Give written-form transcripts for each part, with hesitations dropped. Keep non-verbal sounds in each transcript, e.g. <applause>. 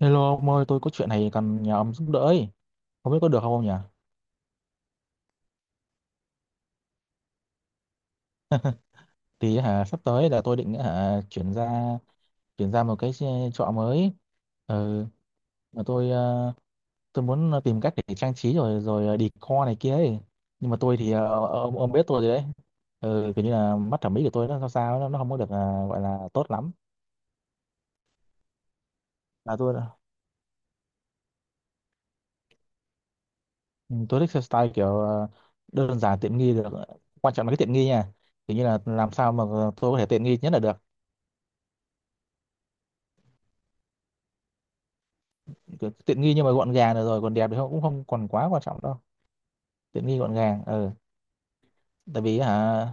Hello ông ơi, tôi có chuyện này cần nhờ ông giúp đỡ ấy. Không biết có được không ông nhỉ? Sắp tới là tôi định chuyển ra một cái trọ mới. Ừ, mà tôi muốn tìm cách để trang trí rồi rồi ờ, decor này kia ấy. Nhưng mà tôi thì ông biết tôi rồi đấy. Ừ, kiểu như là mắt thẩm mỹ của tôi nó sao sao nó không có được gọi là tốt lắm. Là tôi ừ, tôi thích style kiểu đơn giản tiện nghi được. Quan trọng là cái tiện nghi nha. Kiểu như là làm sao mà tôi có thể tiện nghi nhất là được, kiểu tiện nghi nhưng mà gọn gàng được, rồi còn đẹp thì không cũng không còn quá quan trọng đâu. Tiện nghi gọn gàng, ừ. Tại vì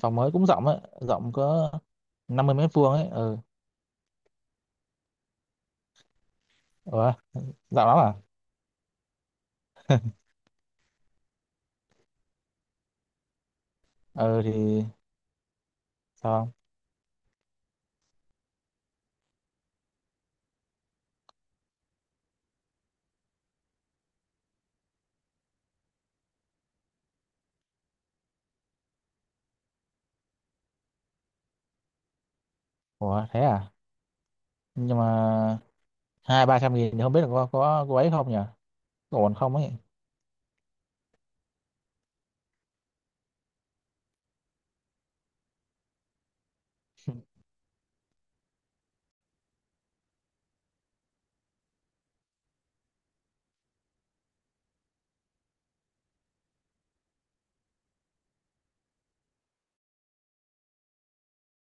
phòng mới cũng rộng ấy, rộng có 50 m² ấy, ừ. Ủa, rộng lắm à? Ừ thì sao không? Ủa thế à? Nhưng mà 2-3 trăm nghìn thì không biết là có ấy không nhỉ? Có ổn không ấy?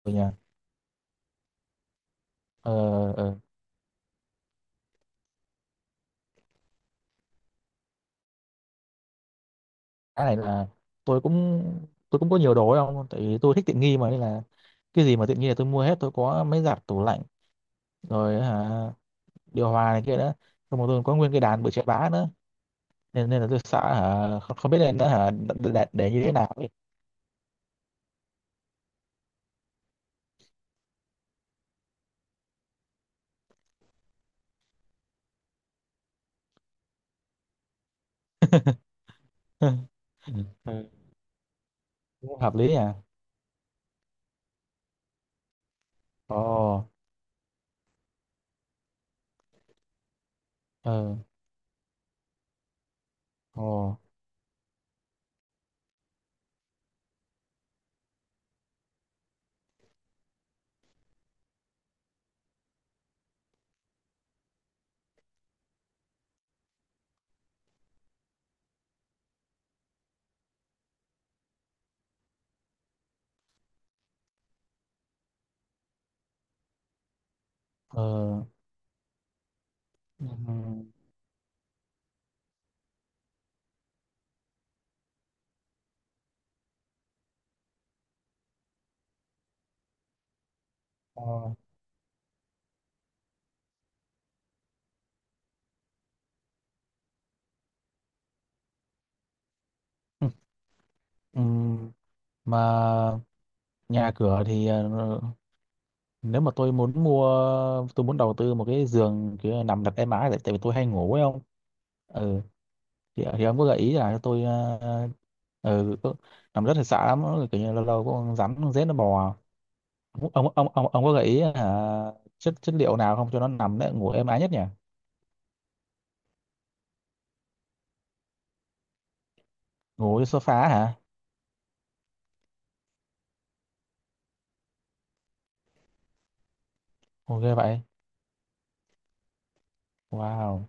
Ừ nhỉ. Ờ ờ, cái này là tôi cũng tôi cũng có nhiều đồ ấy không, tại vì tôi thích tiện nghi mà, nên là cái gì mà tiện nghi là tôi mua hết. Tôi có máy giặt, tủ lạnh rồi hả, điều hòa này kia nữa. Xong rồi tôi có nguyên cái đàn bự chà bá nữa, nên nên là tôi sợ hả không, không biết nên nữa để như thế nào ấy. <laughs> Ừ. Ừ, cũng hợp lý à. Ồ. Ờ. Ồ. Ờ. ừm, ờ ừm, ừm. Mà nhà cửa thì nếu mà tôi muốn mua, tôi muốn đầu tư một cái giường kiểu nằm đặt êm ái, tại tại vì tôi hay ngủ ấy không. Ừ thì, ờ, thì ông có gợi ý là cho tôi uh, uh, nằm rất là sợ lắm, nó kiểu như lâu lâu có con rắn con rết nó bò. Ông có gợi ý hả chất chất liệu nào không cho nó nằm đấy ngủ êm ái nhất nhỉ? Ngủ trên sofa hả? Ok vậy. Wow.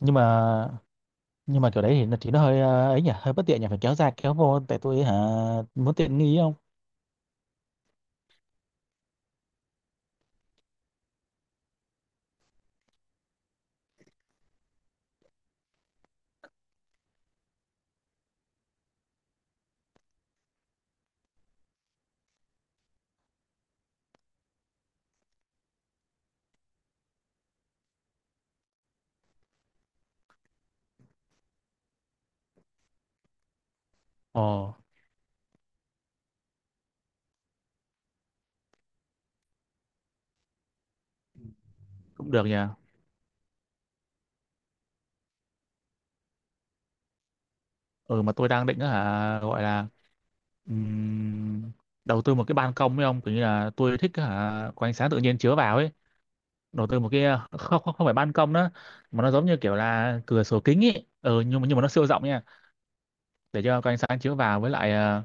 Nhưng mà nhưng mà kiểu đấy thì nó hơi ấy nhỉ, hơi bất tiện nhỉ, phải kéo ra kéo vô, tại tôi muốn tiện nghi không? Ồ, cũng được nhỉ. Ừ, mà tôi đang định á hả gọi là ừm, đầu tư một cái ban công ấy ông, kiểu như là tôi thích á hả có ánh sáng tự nhiên chiếu vào ấy, đổ từ một cái không không, không phải ban công nữa, mà nó giống như kiểu là cửa sổ kính ý. Ừ, nhưng mà nó siêu rộng nha, để cho có ánh sáng chiếu vào, với lại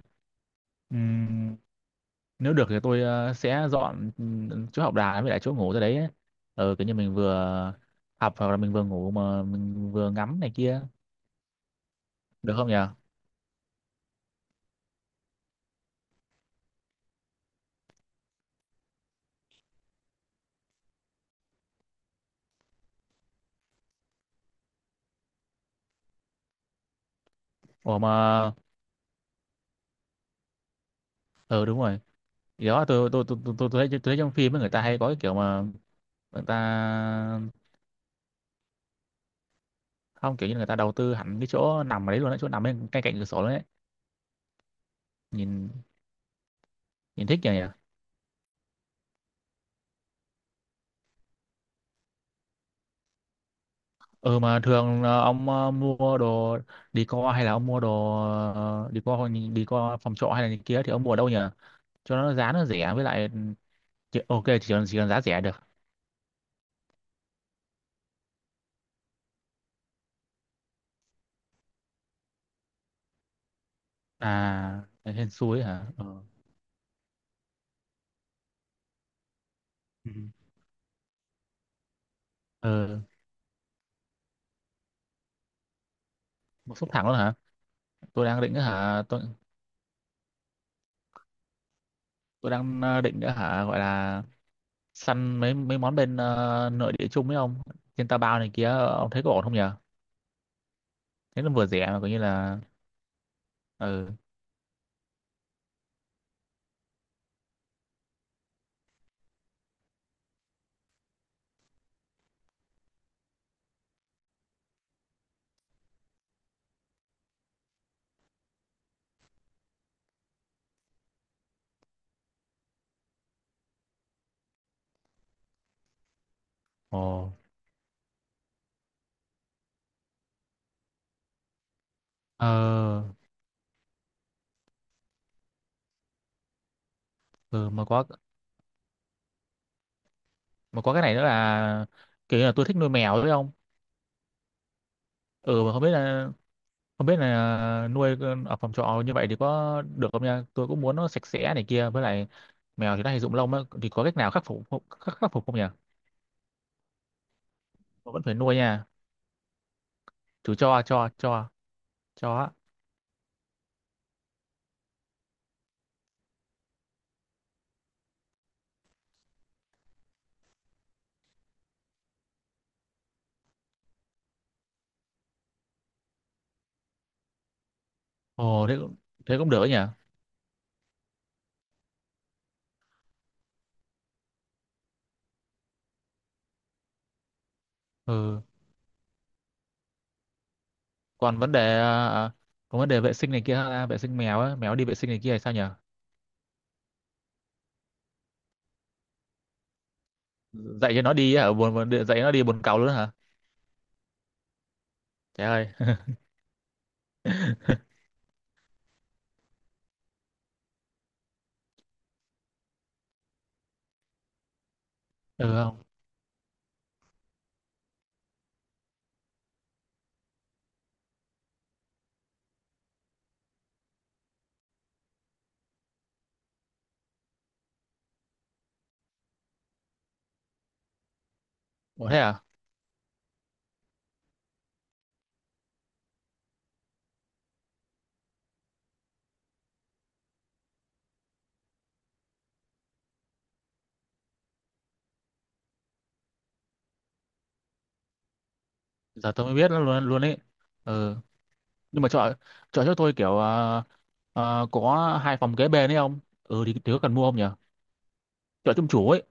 ừm, nếu được thì tôi sẽ dọn chỗ học đà với lại chỗ ngủ ra đấy ấy. Ừ, kiểu như mình vừa học hoặc là mình vừa ngủ mà mình vừa ngắm này kia, được không nhỉ? Ủa mà ừ đúng rồi, thì đó tôi thấy trong phim ấy, người ta hay có cái kiểu mà người ta, không, kiểu như người ta đầu tư hẳn cái chỗ nằm ở đấy luôn á, chỗ nằm bên cạnh cạnh cửa sổ đấy, nhìn, nhìn thích nhỉ nhỉ? Ừ mà thường là ông mua đồ đi co, hay là ông mua đồ đi co phòng trọ hay là gì kia thì ông mua ở đâu nhỉ? Cho nó giá nó rẻ với lại chỉ cần giá rẻ được. À ở trên suối hả? Ừ. Ừ. Ừ. Một xúc thẳng luôn hả? Tôi đang định hả? Tôi đang định nữa hả gọi là săn mấy mấy món bên nội địa chung với ông trên Taobao này kia, ông thấy có ổn không nhỉ? Thế nó vừa rẻ mà coi như là ừ. Ồ. Ờ. Ừ, mà có, mà có cái này nữa là kiểu như là tôi thích nuôi mèo đấy không. Ừ mà không biết là, không biết là nuôi ở phòng trọ như vậy thì có được không nha, tôi cũng muốn nó sạch sẽ này kia, với lại mèo thì nó hay rụng lông á thì có cách nào khắc phục không nhỉ? Mà vẫn phải nuôi nha. Chủ cho cho á. Ồ thế cũng, thế cũng được ấy nhỉ. Ừ còn vấn đề còn vấn đề vệ sinh này kia ha, vệ sinh mèo á, mèo đi vệ sinh này kia thì sao nhỉ? Dạy nó đi buồn cầu luôn á hả? Trời ơi. <laughs> Ừ không. Ủa thế à? Giờ tôi mới biết nó luôn luôn ấy. Ừ. Nhưng mà chọn, chọn cho tôi kiểu à, à, có hai phòng kế bên ấy không, ừ thì có cần mua không nhỉ? Chọn trung chủ ấy.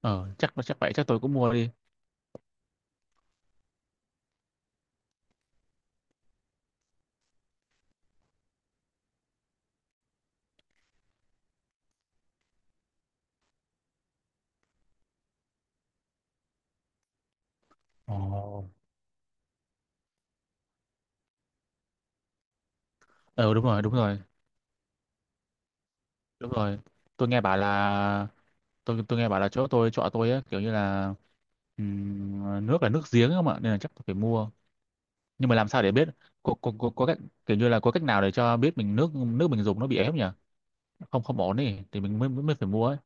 Ờ chắc chắc vậy, chắc tôi cũng mua đi. Ồ. Ờ đúng rồi, đúng rồi. Đúng rồi, tôi nghe bảo là, tôi nghe bảo là chỗ tôi chọn tôi ấy, kiểu như là nước là nước giếng không ạ, nên là chắc tôi phải mua. Nhưng mà làm sao để biết có cách, kiểu như là có cách nào để cho biết mình nước, nước mình dùng nó bị ép nhỉ, không không ổn đi thì mình mới, mới phải mua ấy?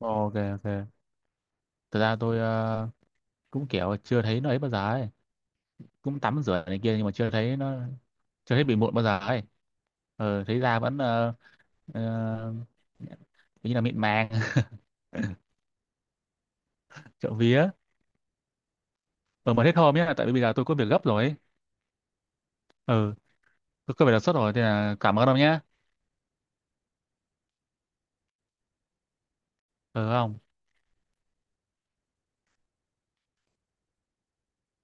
Ok ok. Thật ra tôi cũng kiểu chưa thấy nó ấy bao giờ ấy. Cũng tắm rửa này kia nhưng mà chưa thấy nó, chưa thấy bị mụn bao giờ ấy. Ờ, thấy da vẫn ờ, như là mịn màng. <laughs> Trộm vía. Ờ mà hết hôm nhé, tại vì bây giờ tôi có việc gấp rồi ấy. Ừ, tôi có việc đột xuất rồi thì là cảm ơn ông nhé. Ừ không?